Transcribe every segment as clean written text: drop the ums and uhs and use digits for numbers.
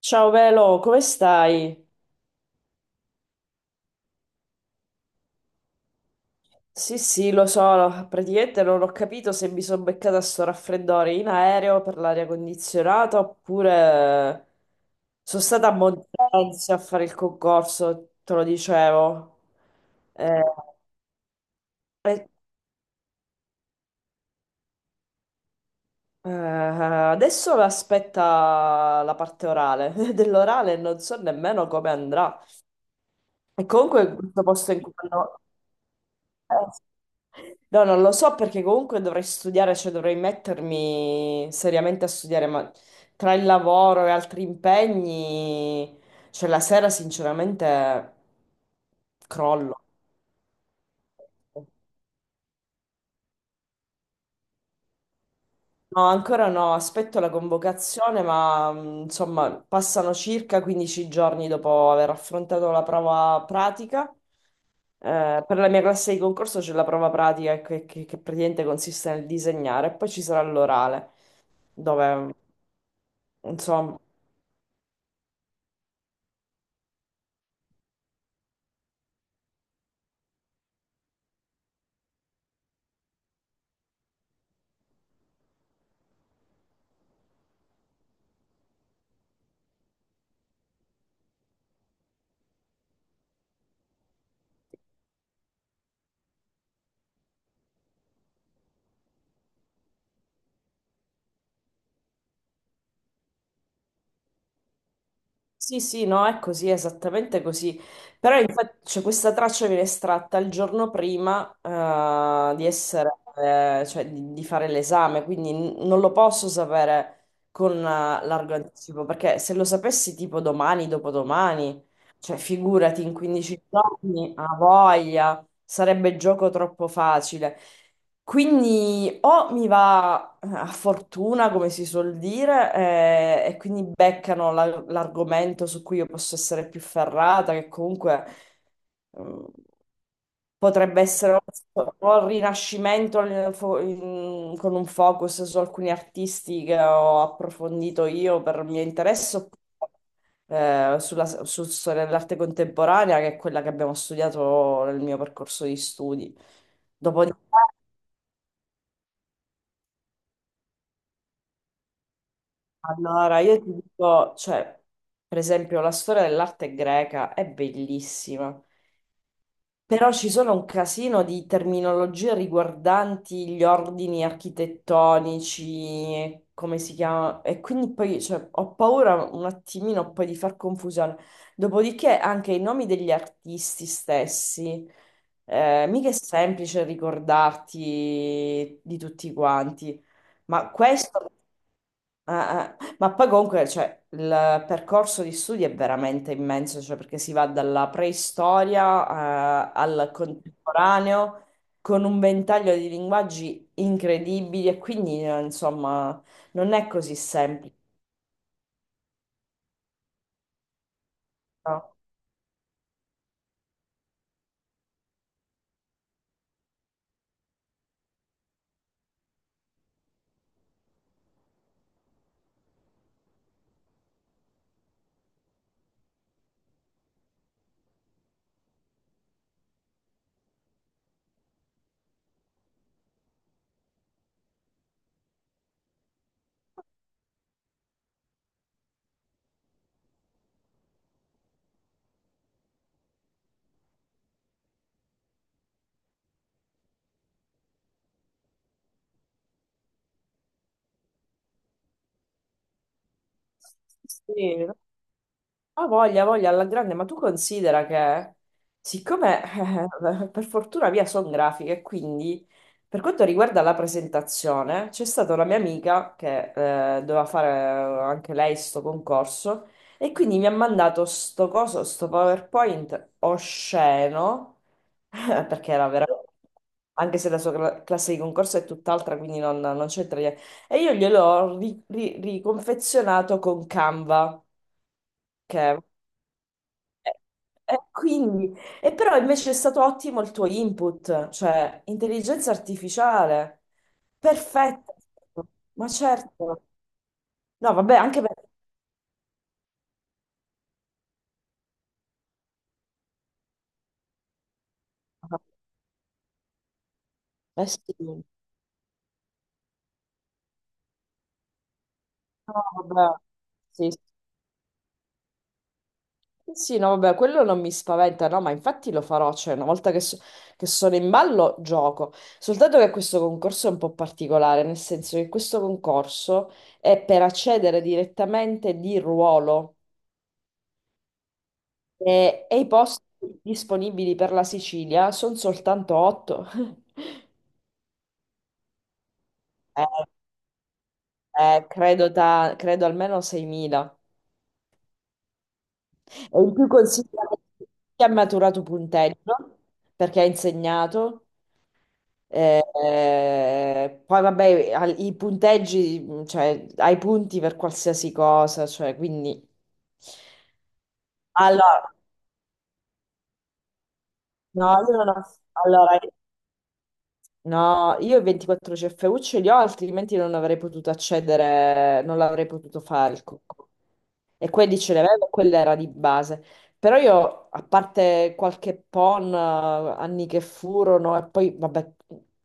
Ciao Velo, come stai? Sì, sì, lo so, praticamente non ho capito se mi sono beccata sto raffreddore in aereo per l'aria condizionata oppure sono stata a Montenzio a fare il concorso, te lo dicevo. Eh, eh, Adesso mi aspetta la parte orale, dell'orale non so nemmeno come andrà. E comunque questo posto in cui andavo. No, non lo so perché comunque dovrei studiare, cioè dovrei mettermi seriamente a studiare, ma tra il lavoro e altri impegni, cioè la sera sinceramente crollo. No, ancora no, aspetto la convocazione, ma insomma passano circa 15 giorni dopo aver affrontato la prova pratica. Per la mia classe di concorso c'è la prova pratica che praticamente consiste nel disegnare e poi ci sarà l'orale, dove insomma. Sì, sì, no, è così, esattamente così. Però infatti, cioè, questa traccia viene estratta il giorno prima, di essere cioè di fare l'esame, quindi non lo posso sapere con largo anticipo, perché se lo sapessi tipo domani, dopodomani, cioè figurati, in 15 giorni a voglia, sarebbe gioco troppo facile. Quindi o mi va a fortuna, come si suol dire, e quindi beccano l'argomento su cui io posso essere più ferrata, che comunque mm, potrebbe essere o il rinascimento con un focus su alcuni artisti che ho approfondito io per mio interesse, oppure sulla, sul storia dell'arte contemporanea, che è quella che abbiamo studiato nel mio percorso di studi. Dopo. Allora, io ti dico, cioè, per esempio, la storia dell'arte greca è bellissima, però ci sono un casino di terminologie riguardanti gli ordini architettonici, come si chiama, e quindi poi, cioè, ho paura un attimino poi di far confusione. Dopodiché anche i nomi degli artisti stessi, mica è semplice ricordarti di tutti quanti. Ma questo ah, ah. Ma poi comunque, cioè, il percorso di studi è veramente immenso, cioè, perché si va dalla preistoria, al contemporaneo, con un ventaglio di linguaggi incredibili, e quindi, insomma, non è così semplice, no? Sì, ah, voglia, voglia, alla grande, ma tu considera che, siccome per fortuna via sono grafiche, quindi per quanto riguarda la presentazione, c'è stata una mia amica che doveva fare anche lei sto concorso, e quindi mi ha mandato sto coso, sto PowerPoint osceno, perché era veramente... Anche se la sua classe di concorso è tutt'altra, quindi non, non c'entra niente. E io gliel'ho riconfezionato con Canva, che quindi, e però invece è stato ottimo il tuo input, cioè intelligenza artificiale, perfetto, ma certo, no vabbè, anche per... Eh sì, no vabbè, sì, sì. Sì, no vabbè, quello non mi spaventa, no, ma infatti lo farò, cioè una volta che, che sono in ballo gioco, soltanto che questo concorso è un po' particolare, nel senso che questo concorso è per accedere direttamente di ruolo. E i posti disponibili per la Sicilia sono soltanto 8. Eh, Credo, credo almeno 6.000. E in più considera che ha maturato punteggio perché ha insegnato. Poi vabbè, i punteggi, cioè hai punti per qualsiasi cosa, cioè quindi... Allora, no, io non ho... Allora, no, io i 24 CFU ce li ho, altrimenti non avrei potuto accedere, non l'avrei potuto fare il cocco. E quelli ce li avevo, quella era di base. Però io, a parte qualche PON, anni che furono, e poi, vabbè,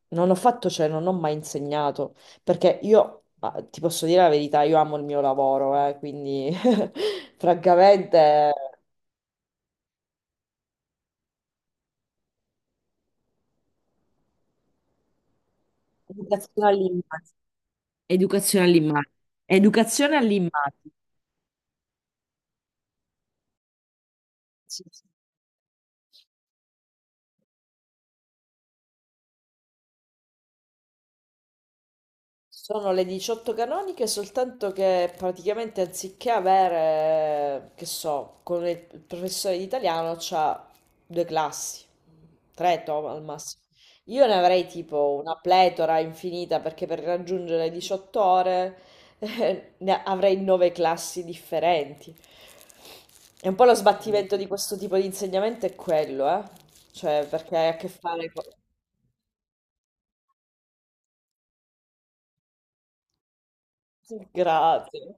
non ho fatto, cioè, non ho mai insegnato, perché io, ah, ti posso dire la verità, io amo il mio lavoro, quindi, francamente, educazione all'immagine. Educazione all'immagine. Educazione all'immagine. Sì, sono le 18 canoniche, soltanto che praticamente anziché avere, che so, con il professore di italiano c'ha due classi, al massimo. Io ne avrei tipo una pletora infinita perché per raggiungere le 18 ore ne avrei nove classi differenti. E un po' lo sbattimento di questo tipo di insegnamento è quello, eh? Cioè, perché hai a che fare con... Grazie.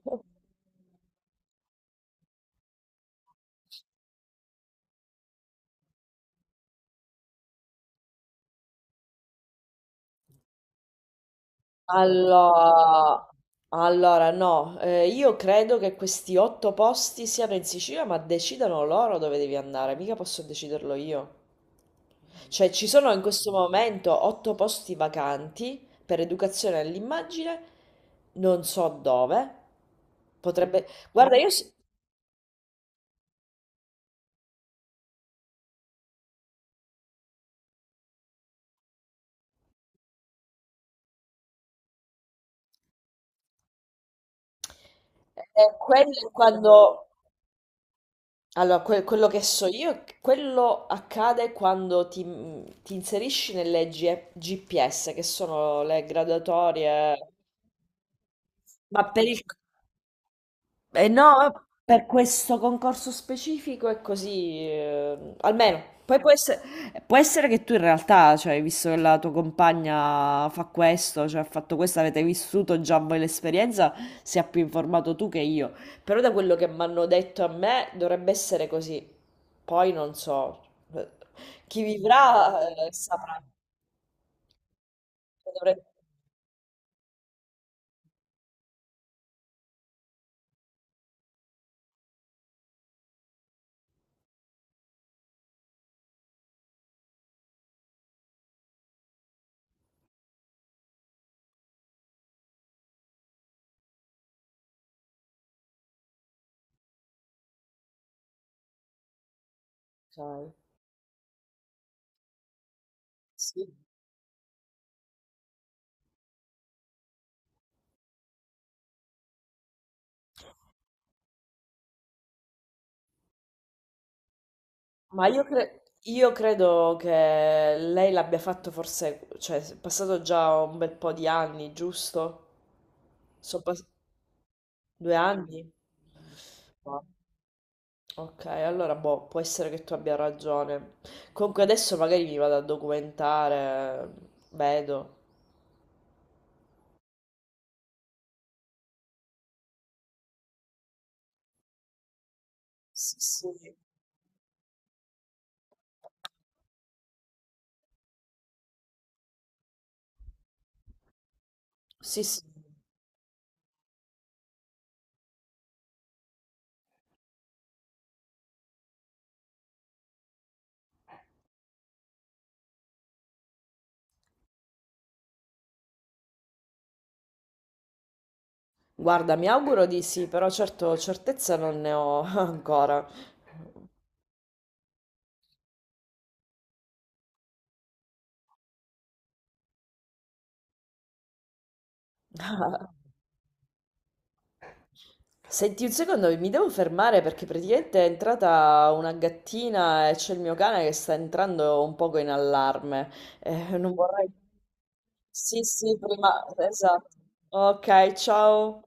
Allora, allora, no, io credo che questi otto posti siano in Sicilia, ma decidano loro dove devi andare, mica posso deciderlo io. Cioè, ci sono in questo momento otto posti vacanti per educazione all'immagine, non so dove. Potrebbe... Guarda, io... quelli quando... Allora, quello che so io, è che quello accade quando ti, ti inserisci nelle GPS, che sono le graduatorie, ma per il, e no, per questo concorso specifico è così, almeno. Poi può essere che tu in realtà, cioè, visto che la tua compagna fa questo, cioè ha fatto questo, avete vissuto già voi l'esperienza, sia più informato tu che io. Però da quello che mi hanno detto a me dovrebbe essere così. Poi non so, chi vivrà saprà. Cioè, dovrebbe... Ok, sì. Ma io, io credo che lei l'abbia fatto forse, cioè è passato già un bel po' di anni, giusto? Sono passati due anni? No. Ok, allora boh, può essere che tu abbia ragione. Comunque adesso magari mi vado a documentare, vedo. Sì, sì. Sì, sì. Guarda, mi auguro di sì, però certo certezza non ne ho ancora. Senti un secondo, mi devo fermare perché praticamente è entrata una gattina e c'è il mio cane che sta entrando un poco in allarme. Non vorrei... Sì, sì, prima... Esatto. Ok, ciao.